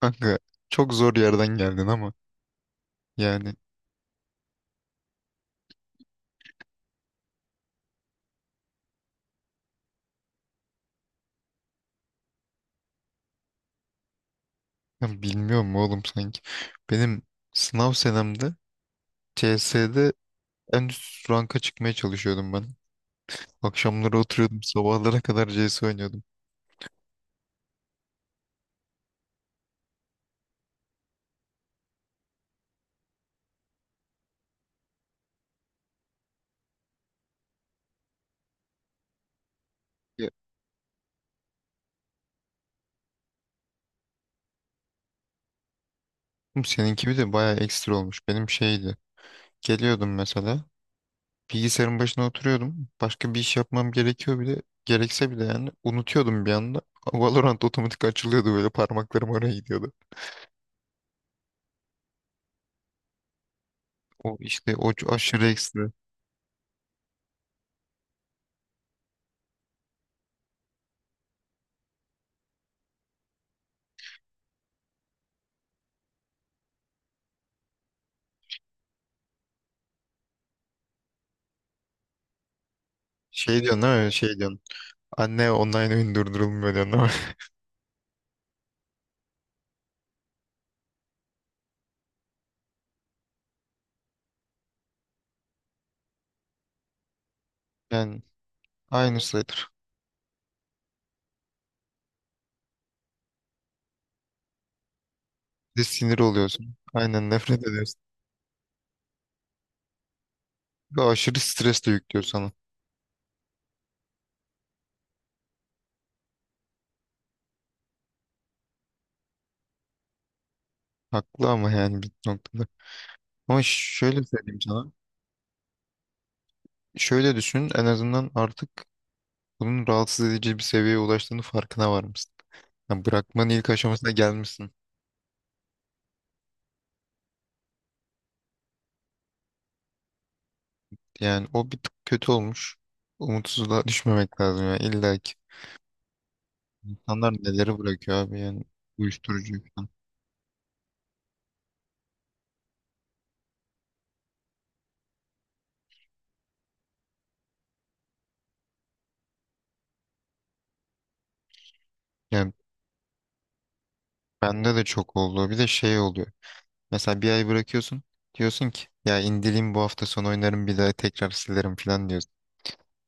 Kanka çok zor yerden geldin ama yani ben bilmiyorum oğlum sanki. Benim sınav senemde CS'de en üst ranka çıkmaya çalışıyordum ben. Akşamları oturuyordum sabahlara kadar CS oynuyordum. Ya. Oğlum seninki bir de bayağı ekstra olmuş. Benim şeydi. Geliyordum mesela bilgisayarın başına oturuyordum. Başka bir iş yapmam gerekiyor bile. Gerekse bile yani unutuyordum bir anda. Valorant otomatik açılıyordu böyle parmaklarım oraya gidiyordu. O işte o aşırı ekstra. Şey diyorsun değil mi? Şey diyorsun. Anne online oyun durdurulmuyor diyorsun ama. Yani aynı sayıdır. Bir de sinir oluyorsun. Aynen nefret ediyorsun. Ve aşırı stres de yüklüyor sana. Haklı ama yani bir noktada. Ama şöyle söyleyeyim sana. Şöyle düşün, en azından artık bunun rahatsız edici bir seviyeye ulaştığını farkına varmışsın. Yani bırakmanın ilk aşamasına gelmişsin. Yani o bir tık kötü olmuş. Umutsuzluğa düşmemek lazım yani illa ki. İnsanlar neleri bırakıyor abi, yani uyuşturucu falan. Yani bende de çok oldu. Bir de şey oluyor. Mesela bir ay bırakıyorsun. Diyorsun ki ya indireyim bu hafta sonu oynarım bir daha tekrar silerim falan diyorsun.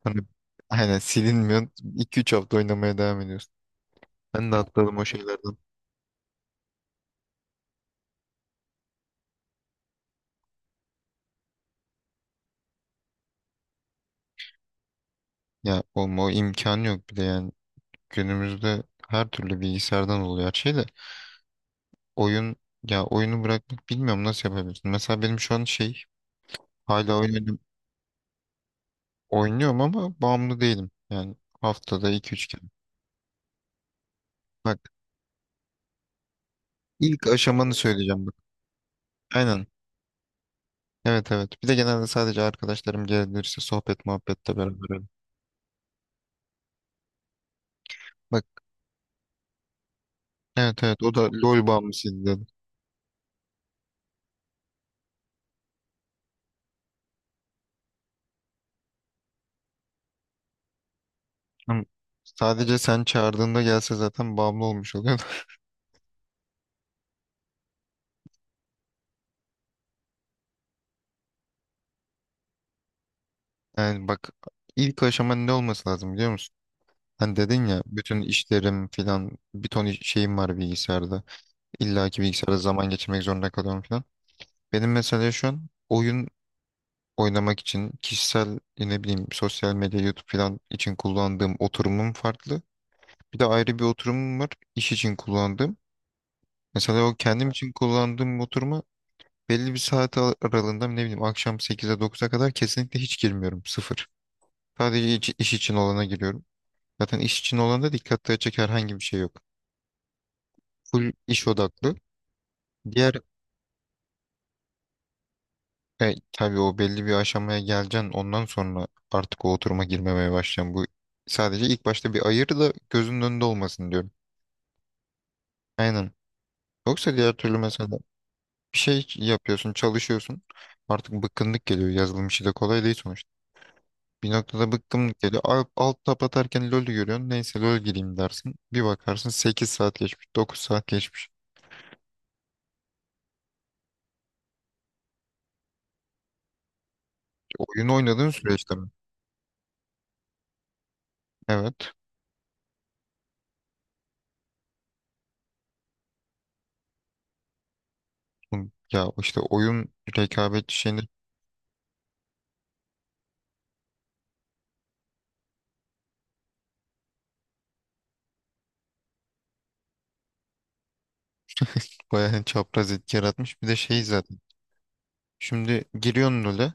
Sonra aynen silinmiyor. 2-3 hafta oynamaya devam ediyorsun. Ben de atladım o şeylerden. Ya olma, o imkan yok bir de yani. Günümüzde her türlü bilgisayardan oluyor her şey de. Oyun, ya oyunu bırakmak bilmiyorum nasıl yapabilirsin. Mesela benim şu an şey, hala oynadım, oynuyorum ama bağımlı değilim. Yani haftada iki üç kere. Bak, ilk aşamanı söyleyeceğim, bak. Aynen. Evet evet. Bir de genelde sadece arkadaşlarım gelirse sohbet muhabbette beraber. Öyle. Bak, evet evet, o da LOL bağımlısıydı dedi. Ama sadece sen çağırdığında gelse zaten bağımlı olmuş oluyor. Yani bak, ilk aşama ne olması lazım biliyor musun? Hani dedin ya, bütün işlerim filan, bir ton şeyim var bilgisayarda. İlla ki bilgisayarda zaman geçirmek zorunda kalıyorum filan. Benim mesela şu an oyun oynamak için kişisel, ne bileyim, sosyal medya, YouTube filan için kullandığım oturumum farklı. Bir de ayrı bir oturumum var, İş için kullandığım. Mesela o kendim için kullandığım oturuma belli bir saat aralığında, ne bileyim, akşam 8'e 9'a kadar kesinlikle hiç girmiyorum. Sıfır. Sadece iş için olana giriyorum. Zaten iş için olanda dikkat dağıtacak herhangi bir şey yok. Full iş odaklı. Diğer tabii o belli bir aşamaya geleceksin. Ondan sonra artık o oturuma girmemeye başlayacaksın. Bu sadece ilk başta bir ayır da gözünün önünde olmasın diyorum. Aynen. Yoksa diğer türlü mesela bir şey yapıyorsun, çalışıyorsun. Artık bıkkınlık geliyor. Yazılım işi de kolay değil sonuçta. Bir noktada bıkkınlık geliyor. Alt tab atarken LoL görüyorsun. Neyse LoL gireyim dersin. Bir bakarsın 8 saat geçmiş, 9 saat geçmiş. Oyun oynadığın süreçte mi? Evet. Ya işte oyun rekabetçi şeyini bayağı çapraz etki yaratmış. Bir de şey zaten. Şimdi giriyorsun LoL'e.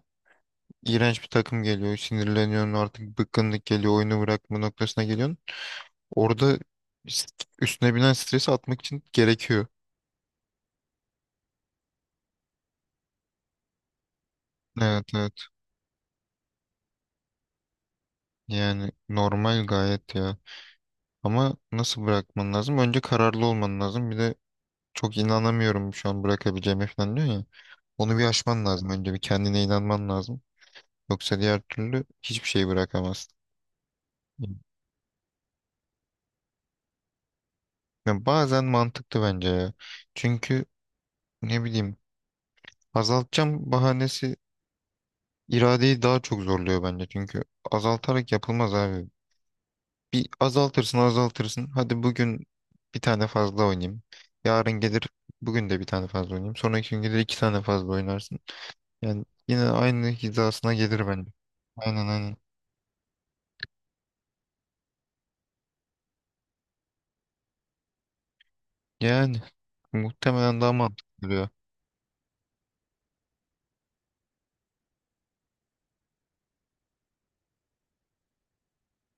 İğrenç bir takım geliyor. Sinirleniyorsun, artık bıkkınlık geliyor. Oyunu bırakma noktasına geliyorsun. Orada üstüne binen stresi atmak için gerekiyor. Evet evet, yani normal gayet ya, ama nasıl bırakman lazım? Önce kararlı olman lazım. Bir de çok inanamıyorum şu an bırakabileceğime falan diyor ya, onu bir aşman lazım, önce bir kendine inanman lazım, yoksa diğer türlü hiçbir şey bırakamazsın. Yani bazen mantıklı bence ya, çünkü ne bileyim, azaltacağım bahanesi iradeyi daha çok zorluyor bence, çünkü azaltarak yapılmaz abi. Bir azaltırsın azaltırsın. Hadi bugün bir tane fazla oynayayım. Yarın gelir, bugün de bir tane fazla oynayayım. Sonraki gün gelir iki tane fazla oynarsın. Yani yine aynı hizasına gelir bence. Aynen aynen. Yani muhtemelen daha mantıklı duruyor.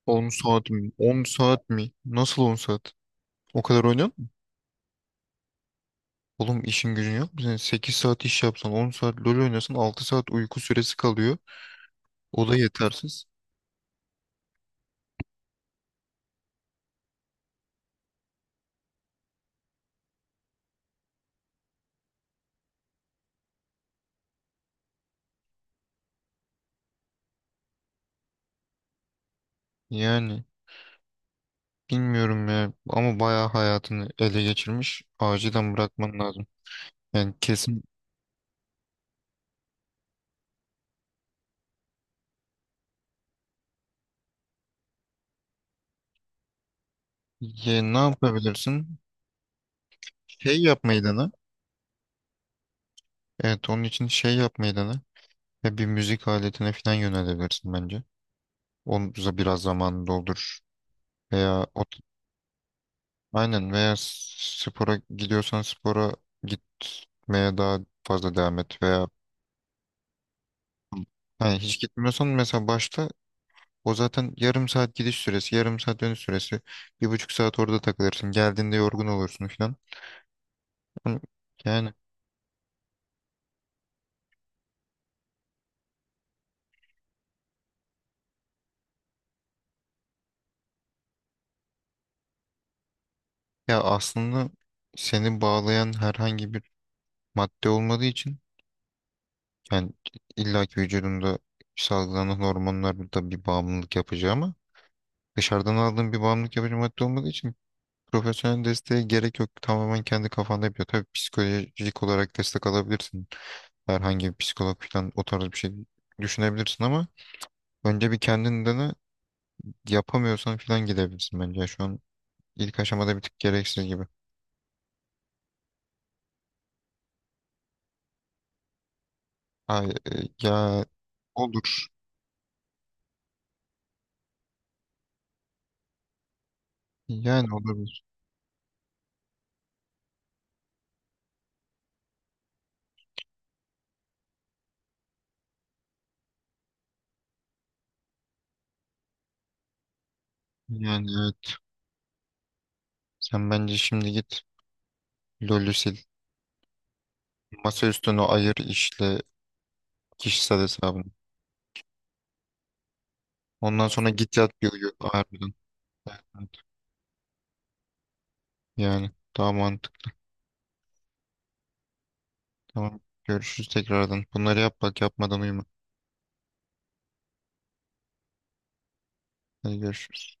10 saat mi? 10 saat mi? Nasıl 10 saat? O kadar oynuyor musun? Oğlum işin gücün yok mu? Sen 8 saat iş yapsan, 10 saat LoL oynasan, 6 saat uyku süresi kalıyor. O da yetersiz. Yani bilmiyorum ya, ama bayağı hayatını ele geçirmiş. Acilen bırakman lazım. Yani kesin. Ya, ne yapabilirsin? Şey yapmayı dene. Evet, onun için şey yapmayı dene. Ya bir müzik aletine falan yönelebilirsin bence. Onu biraz zamanını doldur. Veya o, aynen, veya spora gidiyorsan spora gitmeye daha fazla devam et. Veya yani hiç gitmiyorsan mesela başta. O zaten yarım saat gidiş süresi, yarım saat dönüş süresi. Bir buçuk saat orada takılırsın. Geldiğinde yorgun olursun falan. Ama, yani ya, aslında seni bağlayan herhangi bir madde olmadığı için, yani illaki vücudunda salgılanan hormonlar da bir bağımlılık yapıcı, ama dışarıdan aldığın bir bağımlılık yapıcı madde olmadığı için profesyonel desteğe gerek yok. Tamamen kendi kafanda yapıyor. Tabii psikolojik olarak destek alabilirsin. Herhangi bir psikolog falan, o tarz bir şey düşünebilirsin, ama önce bir kendini dene. Yapamıyorsan falan gidebilirsin bence. Şu an ilk aşamada bir tık gereksiz gibi. Ay, ya, olur. Yani olabilir. Yani evet. Sen bence şimdi git, LoL'ü sil. Masa üstünü ayır, işle kişisel hesabını. Ondan sonra git yat, bir uyu harbiden. Evet. Yani daha mantıklı. Tamam. Görüşürüz tekrardan. Bunları yap, bak, yapmadan uyuma. Hadi görüşürüz.